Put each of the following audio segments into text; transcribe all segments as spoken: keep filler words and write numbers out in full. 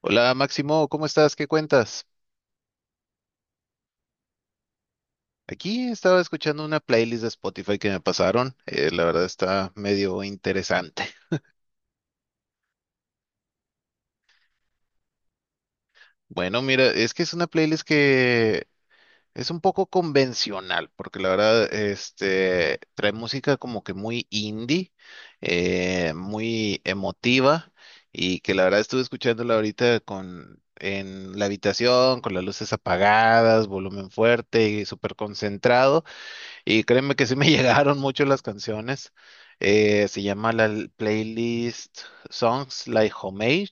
Hola Máximo, ¿cómo estás? ¿Qué cuentas? Aquí estaba escuchando una playlist de Spotify que me pasaron. Eh, la verdad está medio interesante. Bueno, mira, es que es una playlist que es un poco convencional, porque la verdad, este, trae música como que muy indie, eh, muy emotiva, y que la verdad estuve escuchándola ahorita con, en la habitación, con las luces apagadas, volumen fuerte y súper concentrado. Y créeme que sí me llegaron mucho las canciones. Eh, se llama la l- playlist Songs Like Homage.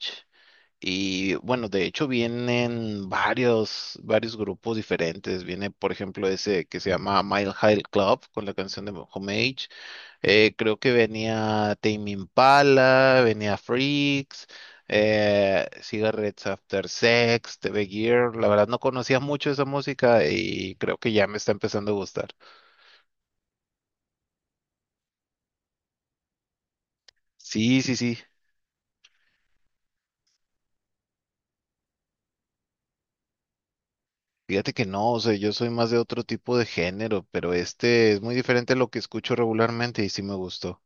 Y bueno, de hecho vienen varios, varios grupos diferentes. Viene, por ejemplo, ese que se llama Mile High Club con la canción de Homage. Eh, creo que venía Tame Impala, venía Freaks, eh, Cigarettes After Sex, The Gear. La verdad no conocía mucho esa música y creo que ya me está empezando a gustar. Sí, sí, sí. Fíjate que no, o sea, yo soy más de otro tipo de género, pero este es muy diferente a lo que escucho regularmente y sí me gustó.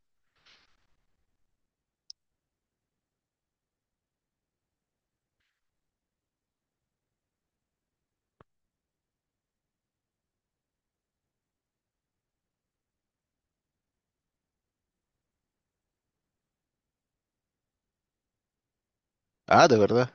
Ah, de verdad.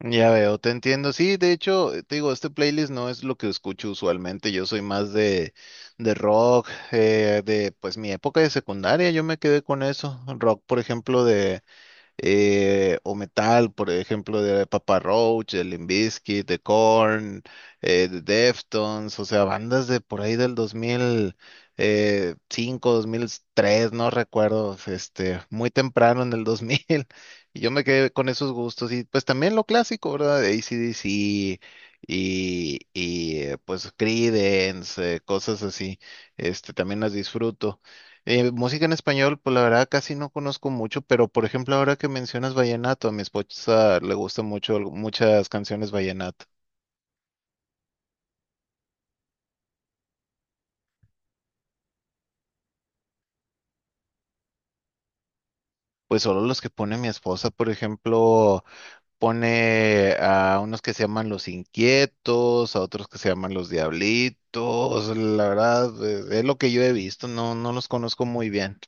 Ya veo, te entiendo. Sí, de hecho, eh, te digo, este playlist no es lo que escucho usualmente. Yo soy más de, de rock, eh, de pues mi época de secundaria, yo me quedé con eso. Rock, por ejemplo, de eh, o metal, por ejemplo, de Papa Roach, de Limp Bizkit, de Korn, eh, de Deftones, o sea, bandas de por ahí del dos mil cinco, dos mil tres, no recuerdo, este, muy temprano en el dos mil, y yo me quedé con esos gustos, y pues también lo clásico, ¿verdad? De A C/D C y, y eh, pues Creedence, eh, cosas así, este, también las disfruto. Eh, música en español, pues la verdad casi no conozco mucho, pero por ejemplo ahora que mencionas vallenato, a mi esposa le gustan mucho muchas canciones vallenato. Pues solo los que pone mi esposa, por ejemplo, pone a unos que se llaman Los Inquietos, a otros que se llaman Los Diablitos, la verdad eh, es lo que yo he visto, no, no los conozco muy bien.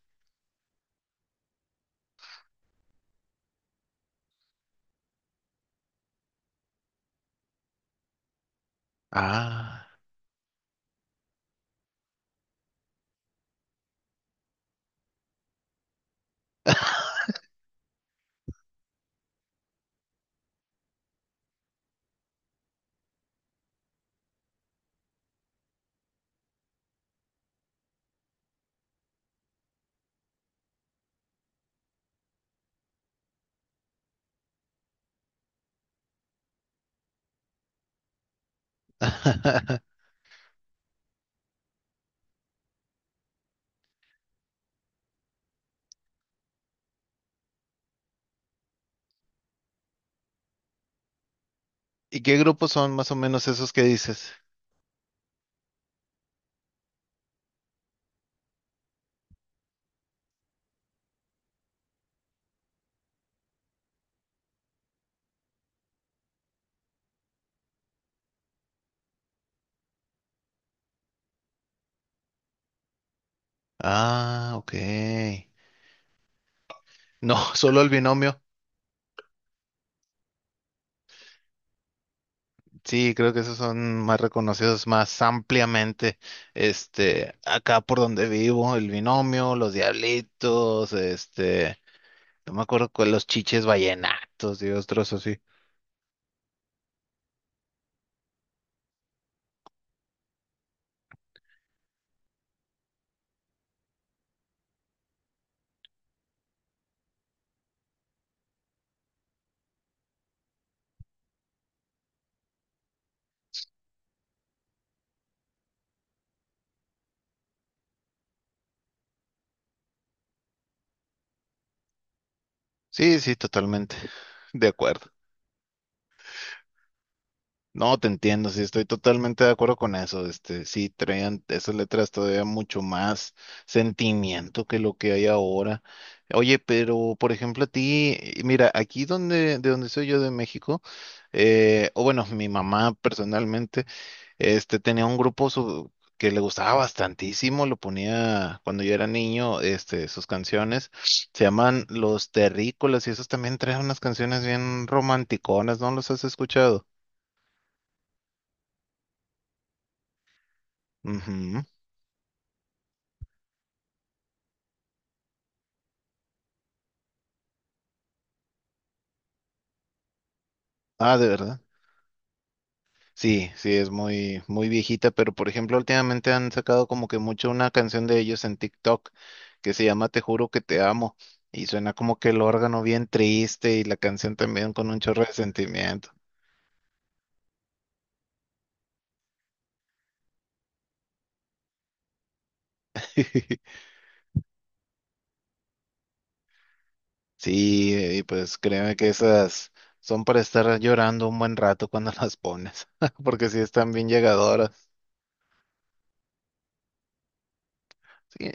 Ah. ¿Y qué grupos son más o menos esos que dices? Ah, ok. No, solo el binomio. Sí, creo que esos son más reconocidos más ampliamente. Este, acá por donde vivo, el binomio, los diablitos, este, no me acuerdo cuál, los chiches vallenatos y otros así. Sí, sí, totalmente. De acuerdo. No, te entiendo, sí, estoy totalmente de acuerdo con eso. Este, sí, traían esas letras todavía mucho más sentimiento que lo que hay ahora. Oye, pero por ejemplo, a ti, eh, mira, aquí donde, de donde soy yo de México, eh, o bueno, mi mamá personalmente, este, tenía un grupo su- que le gustaba bastantísimo, lo ponía cuando yo era niño, este, sus canciones. Se llaman Los Terrícolas y esos también traen unas canciones bien romanticonas, ¿no los has escuchado? Ujú. Ah, de verdad. Sí, sí, es muy, muy viejita, pero por ejemplo, últimamente han sacado como que mucho una canción de ellos en TikTok que se llama Te juro que te amo. Y suena como que el órgano bien triste y la canción también con un chorro de sentimiento. Sí, eh, y pues créeme que esas son para estar llorando un buen rato cuando las pones, porque sí están bien llegadoras. Sí.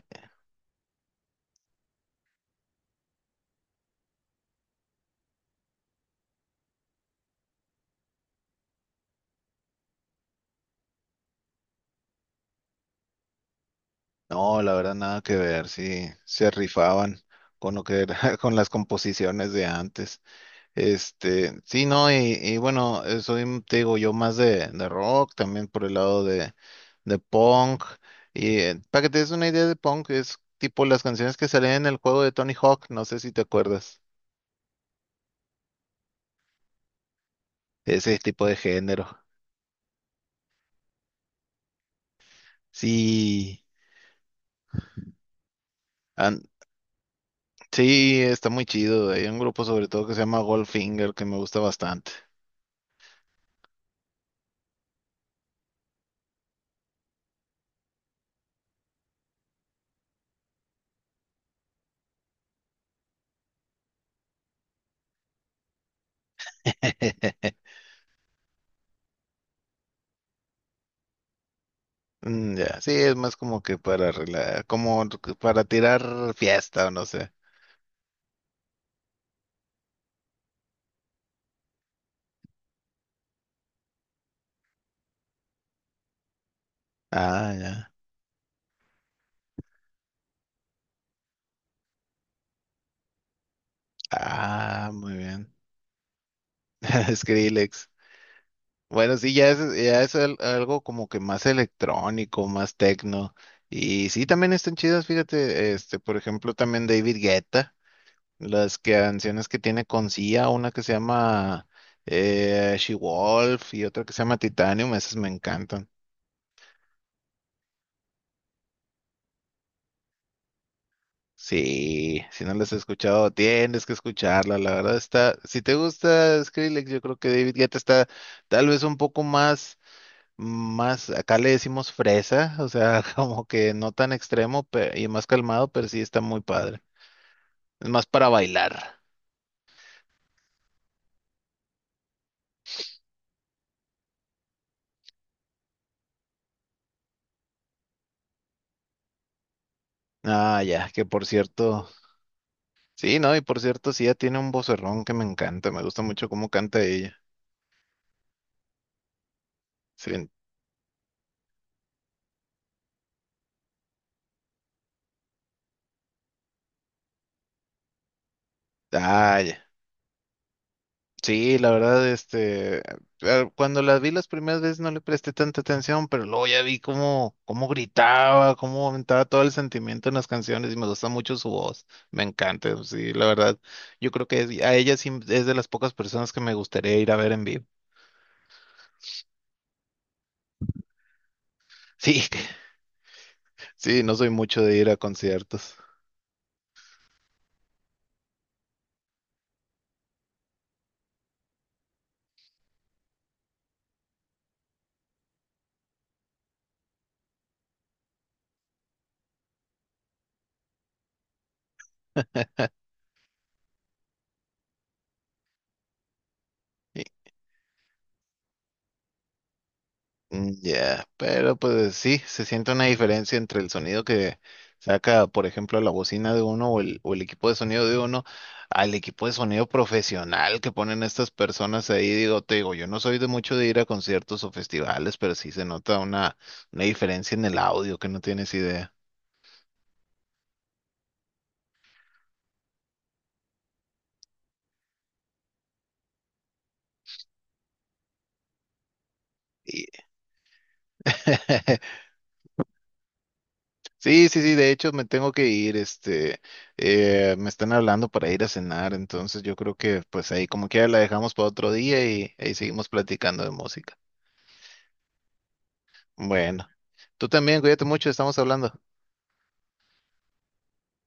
No, la verdad nada que ver, sí, se rifaban con lo que era, con las composiciones de antes. Este, sí, no, y, y bueno, eh, soy, te digo, yo más de, de rock, también por el lado de, de punk. Y eh, para que te des una idea de punk, es tipo las canciones que salen en el juego de Tony Hawk, no sé si te acuerdas, ese tipo de género. Sí, an- sí, está muy chido. Hay un grupo sobre todo que se llama Goldfinger que me gusta bastante. Mm, ya, sí, es más como que para rela- como que para tirar fiesta o no sé. Ah, ya. Ah, muy bien. Skrillex. Bueno, sí, ya es, ya es al- algo como que más electrónico, más tecno. Y sí, también están chidas, fíjate, este, por ejemplo, también David Guetta, las canciones que tiene con Sia, una que se llama eh, She Wolf y otra que se llama Titanium, esas me encantan. Sí, si no las has escuchado, tienes que escucharla. La verdad está, si te gusta Skrillex, yo creo que David Guetta está tal vez un poco más, más, acá le decimos fresa, o sea, como que no tan extremo pe- y más calmado, pero sí está muy padre. Es más para bailar. Ah, ya, que por cierto, sí, no, y por cierto, sí, ella tiene un vocerrón que me encanta, me gusta mucho cómo canta ella. Sí, ah, ya. Sí, la verdad, este, ah, cuando las vi las primeras veces no le presté tanta atención, pero luego ya vi cómo, cómo gritaba, cómo aumentaba todo el sentimiento en las canciones y me gusta mucho su voz, me encanta, sí, la verdad, yo creo que es- a ella sí es de las pocas personas que me gustaría ir a ver en vivo. Sí, sí, no soy mucho de ir a conciertos. Mm, ya, pero pues sí, se siente una diferencia entre el sonido que saca, por ejemplo, la bocina de uno o el, o el equipo de sonido de uno al equipo de sonido profesional que ponen estas personas ahí. Digo, te digo, yo no soy de mucho de ir a conciertos o festivales, pero sí se nota una, una diferencia en el audio que no tienes idea. Y- Sí, sí, sí, de hecho me tengo que ir, este, eh, me están hablando para ir a cenar, entonces yo creo que pues ahí como quiera la dejamos para otro día y ahí seguimos platicando de música. Bueno, tú también, cuídate mucho, estamos hablando.